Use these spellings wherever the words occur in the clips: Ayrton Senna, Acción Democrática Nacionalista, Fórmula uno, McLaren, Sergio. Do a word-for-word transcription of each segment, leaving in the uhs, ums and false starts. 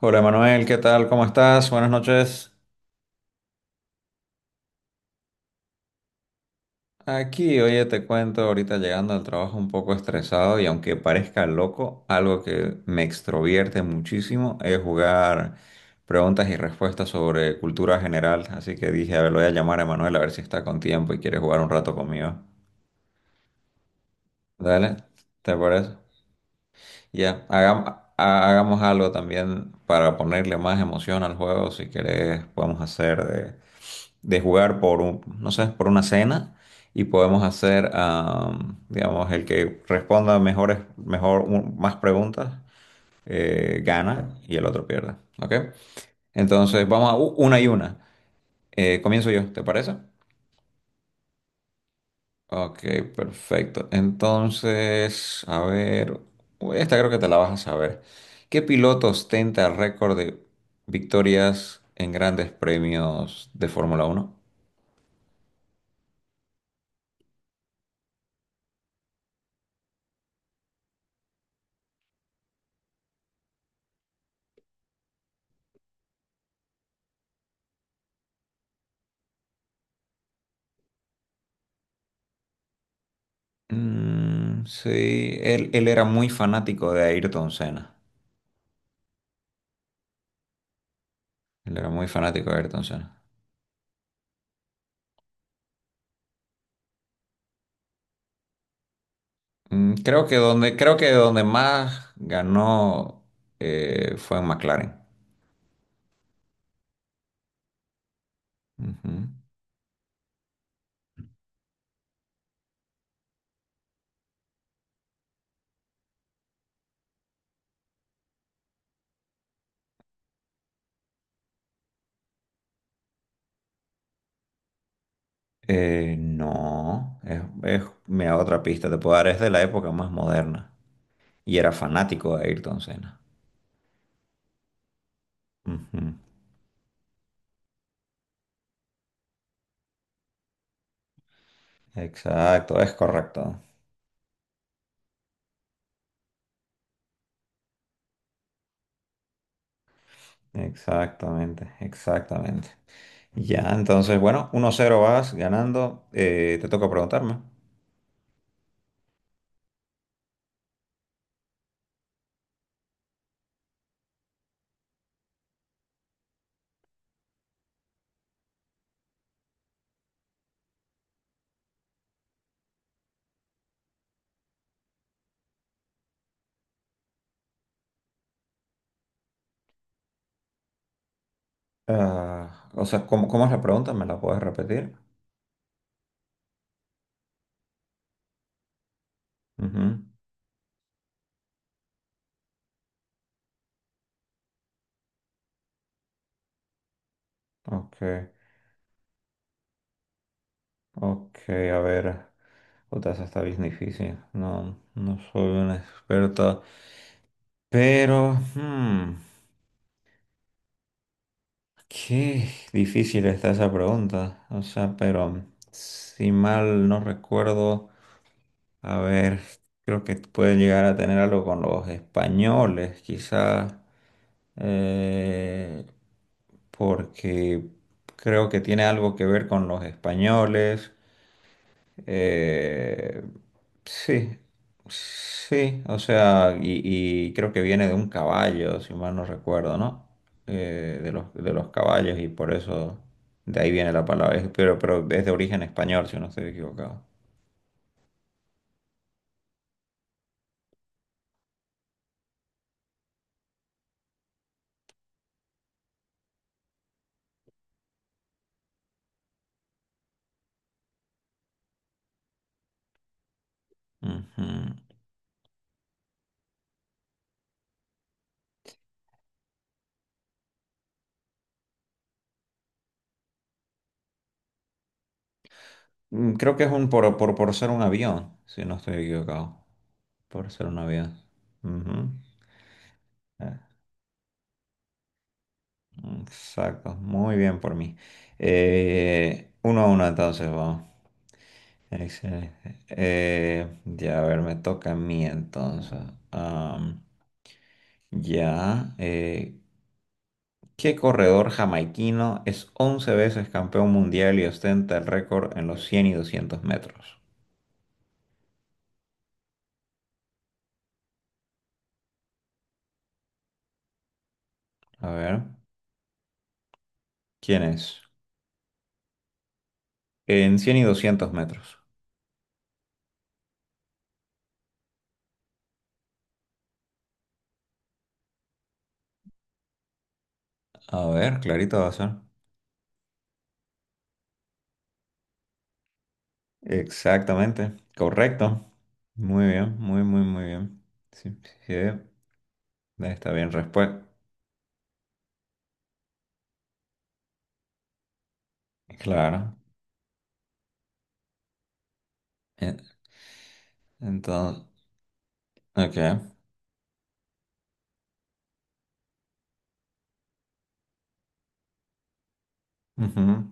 Hola Manuel, ¿qué tal? ¿Cómo estás? Buenas noches. Aquí, oye, te cuento, ahorita llegando al trabajo un poco estresado y aunque parezca loco, algo que me extrovierte muchísimo es jugar preguntas y respuestas sobre cultura general. Así que dije, a ver, lo voy a llamar a Manuel a ver si está con tiempo y quiere jugar un rato conmigo. Dale, ¿te parece? Ya, hagam- ha- hagamos algo también para ponerle más emoción al juego. Si querés, podemos hacer de... de jugar por un, no sé, por una cena y podemos hacer, am, digamos, el que responda mejores, mejor, un- más preguntas eh, gana y el otro pierde, ¿ok? Entonces vamos a u- una y una. Eh, comienzo yo, ¿te parece? Ok, perfecto. Entonces, a ver, uy, esta creo que te la vas a saber. ¿Qué piloto ostenta récord de victorias en grandes premios de Fórmula uno? Mm, sí, él, él era muy fanático de Ayrton Senna. Él era muy fanático de Ayrton Senna. Mm, creo que donde, creo que donde más ganó eh, fue en McLaren. Ujú. Eh, no, es, es- mira, otra pista te puedo dar, es de la época más moderna. Y era fanático de Ayrton Senna. Ujú. Exacto, es correcto. Exactamente, exactamente. Ya, entonces, bueno, uno cero vas ganando. Eh, te toca preguntarme. Ah, o sea, ¿cómo, cómo es la pregunta? ¿Me la puedes repetir? Ujú, ok, ok, a ver. Puta, esa está bien difícil. No, no soy una experta. Pero, hmm, qué difícil está esa pregunta. O sea, pero si mal no recuerdo. A ver, creo que puede llegar a tener algo con los españoles, quizás, eh, porque creo que tiene algo que ver con los españoles. Eh, sí, sí, o sea, y, y creo que viene de un caballo, si mal no recuerdo, ¿no? Eh, de los, de los caballos y por eso de ahí viene la palabra, es- pero, pero es de origen español, si no estoy equivocado. Ujú. Mm, Creo que es un por, por, por ser un avión, si no estoy equivocado. Por ser un avión. Ujú. Eh, Exacto, muy bien por mí. Eh, uno a uno entonces, vamos. Excelente. Eh, ya, a ver, me toca a mí entonces. Am, ya, eh, ¿qué corredor jamaiquino es once veces campeón mundial y ostenta el récord en los cien y doscientos metros? A ver, ¿quién es? En cien y doscientos metros. A ver, clarito va a ser. Exactamente. Correcto. Muy bien, muy, muy, muy bien. Sí, sí, está bien respuesta. Claro. En- Entonces, ok. Ujú.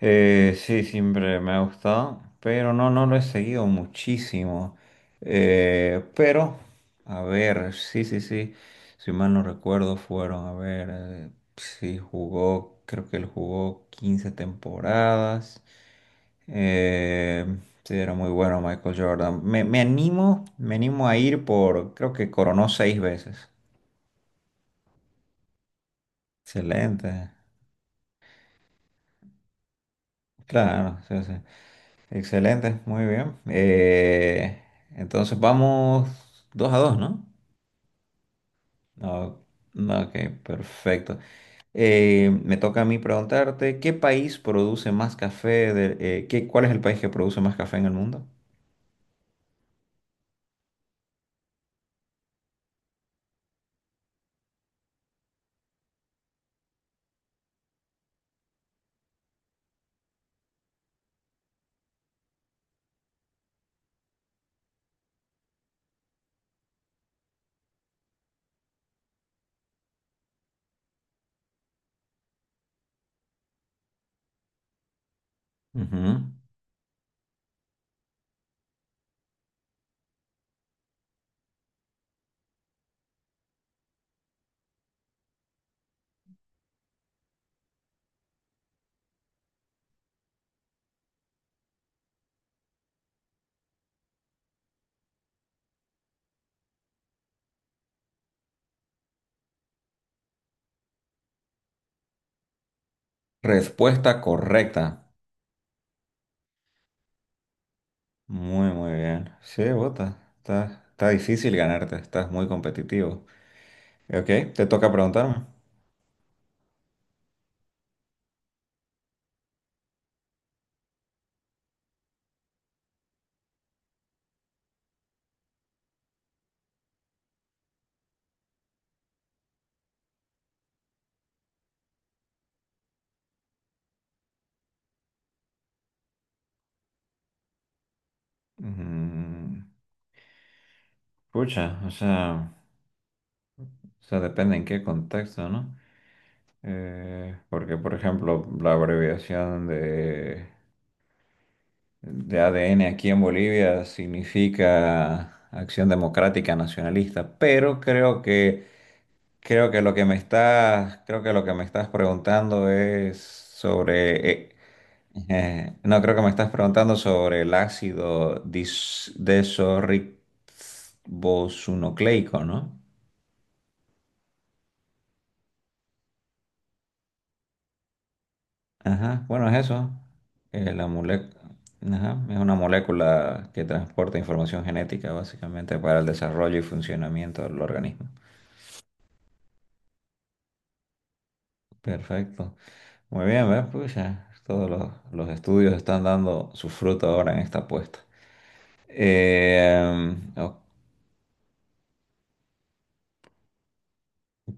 Eh, sí, siempre me ha gustado, pero no, no lo he seguido muchísimo. Eh, pero, a ver, sí, sí, sí, si mal no recuerdo, fueron, a ver, eh, sí, jugó, creo que él jugó quince temporadas. Eh, sí, era muy bueno Michael Jordan. Me, me animo, me animo, a ir por, creo que coronó seis veces. Excelente, claro, sí, sí. Excelente, muy bien. Eh, entonces vamos dos a dos, ¿no? No, no, ok, perfecto. Eh, me toca a mí preguntarte, ¿qué país produce más café? De, eh, ¿qué- cuál es el país que produce más café en el mundo? Ujú. Respuesta correcta. Muy, muy bien. Sí, bota. Está, está difícil ganarte, estás muy competitivo. Ok, te toca preguntarme. Mm, Pucha, o sea, o sea, depende en qué contexto, ¿no? Eh, porque, por ejemplo, la abreviación de, de A D N aquí en Bolivia significa Acción Democrática Nacionalista, pero creo que, creo que lo que me estás, creo que lo que me estás preguntando es sobre, eh, eh, No, creo que me estás preguntando sobre el ácido dis- desorribonucleico, ¿no? Ajá, bueno, es eso. Eh, la mole- ajá, es una molécula que transporta información genética básicamente para el desarrollo y funcionamiento del organismo. Perfecto. Muy bien, ¿ves? Pues ya todos los, los estudios están dando su fruto ahora en esta apuesta. Eh, o-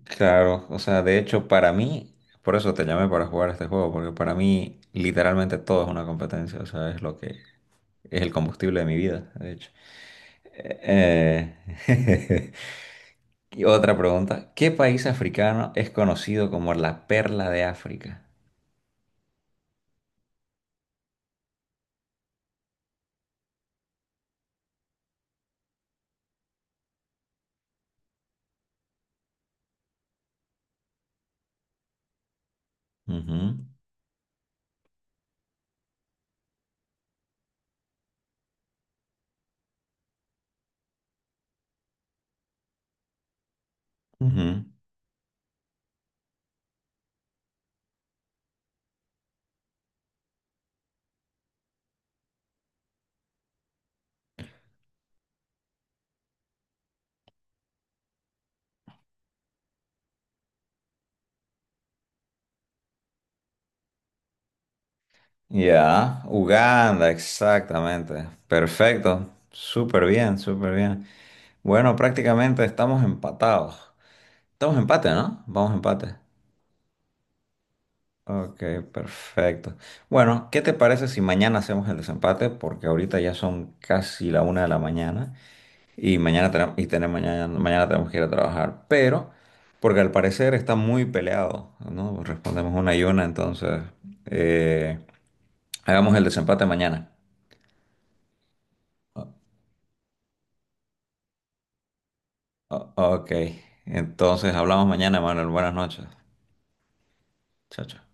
claro, o sea, de hecho, para mí, por eso te llamé para jugar este juego, porque para mí literalmente todo es una competencia, o sea, es lo que es el combustible de mi vida, de hecho. Eh, Y otra pregunta, ¿qué país africano es conocido como la perla de África? Ujú, ujú. Ya, Uganda, exactamente. Perfecto, súper bien, súper bien. Bueno, prácticamente estamos empatados. Estamos empate, ¿no? Vamos empate. Ok, perfecto. Bueno, ¿qué te parece si mañana hacemos el desempate? Porque ahorita ya son casi la una de la mañana. Y mañana tenemos, y tenemos mañana, mañana tenemos que ir a trabajar. Pero, porque al parecer está muy peleado, ¿no? Respondemos una y una, entonces eh, hagamos el desempate mañana. O- ok, entonces hablamos mañana, Manuel. Buenas noches. Chao, chao.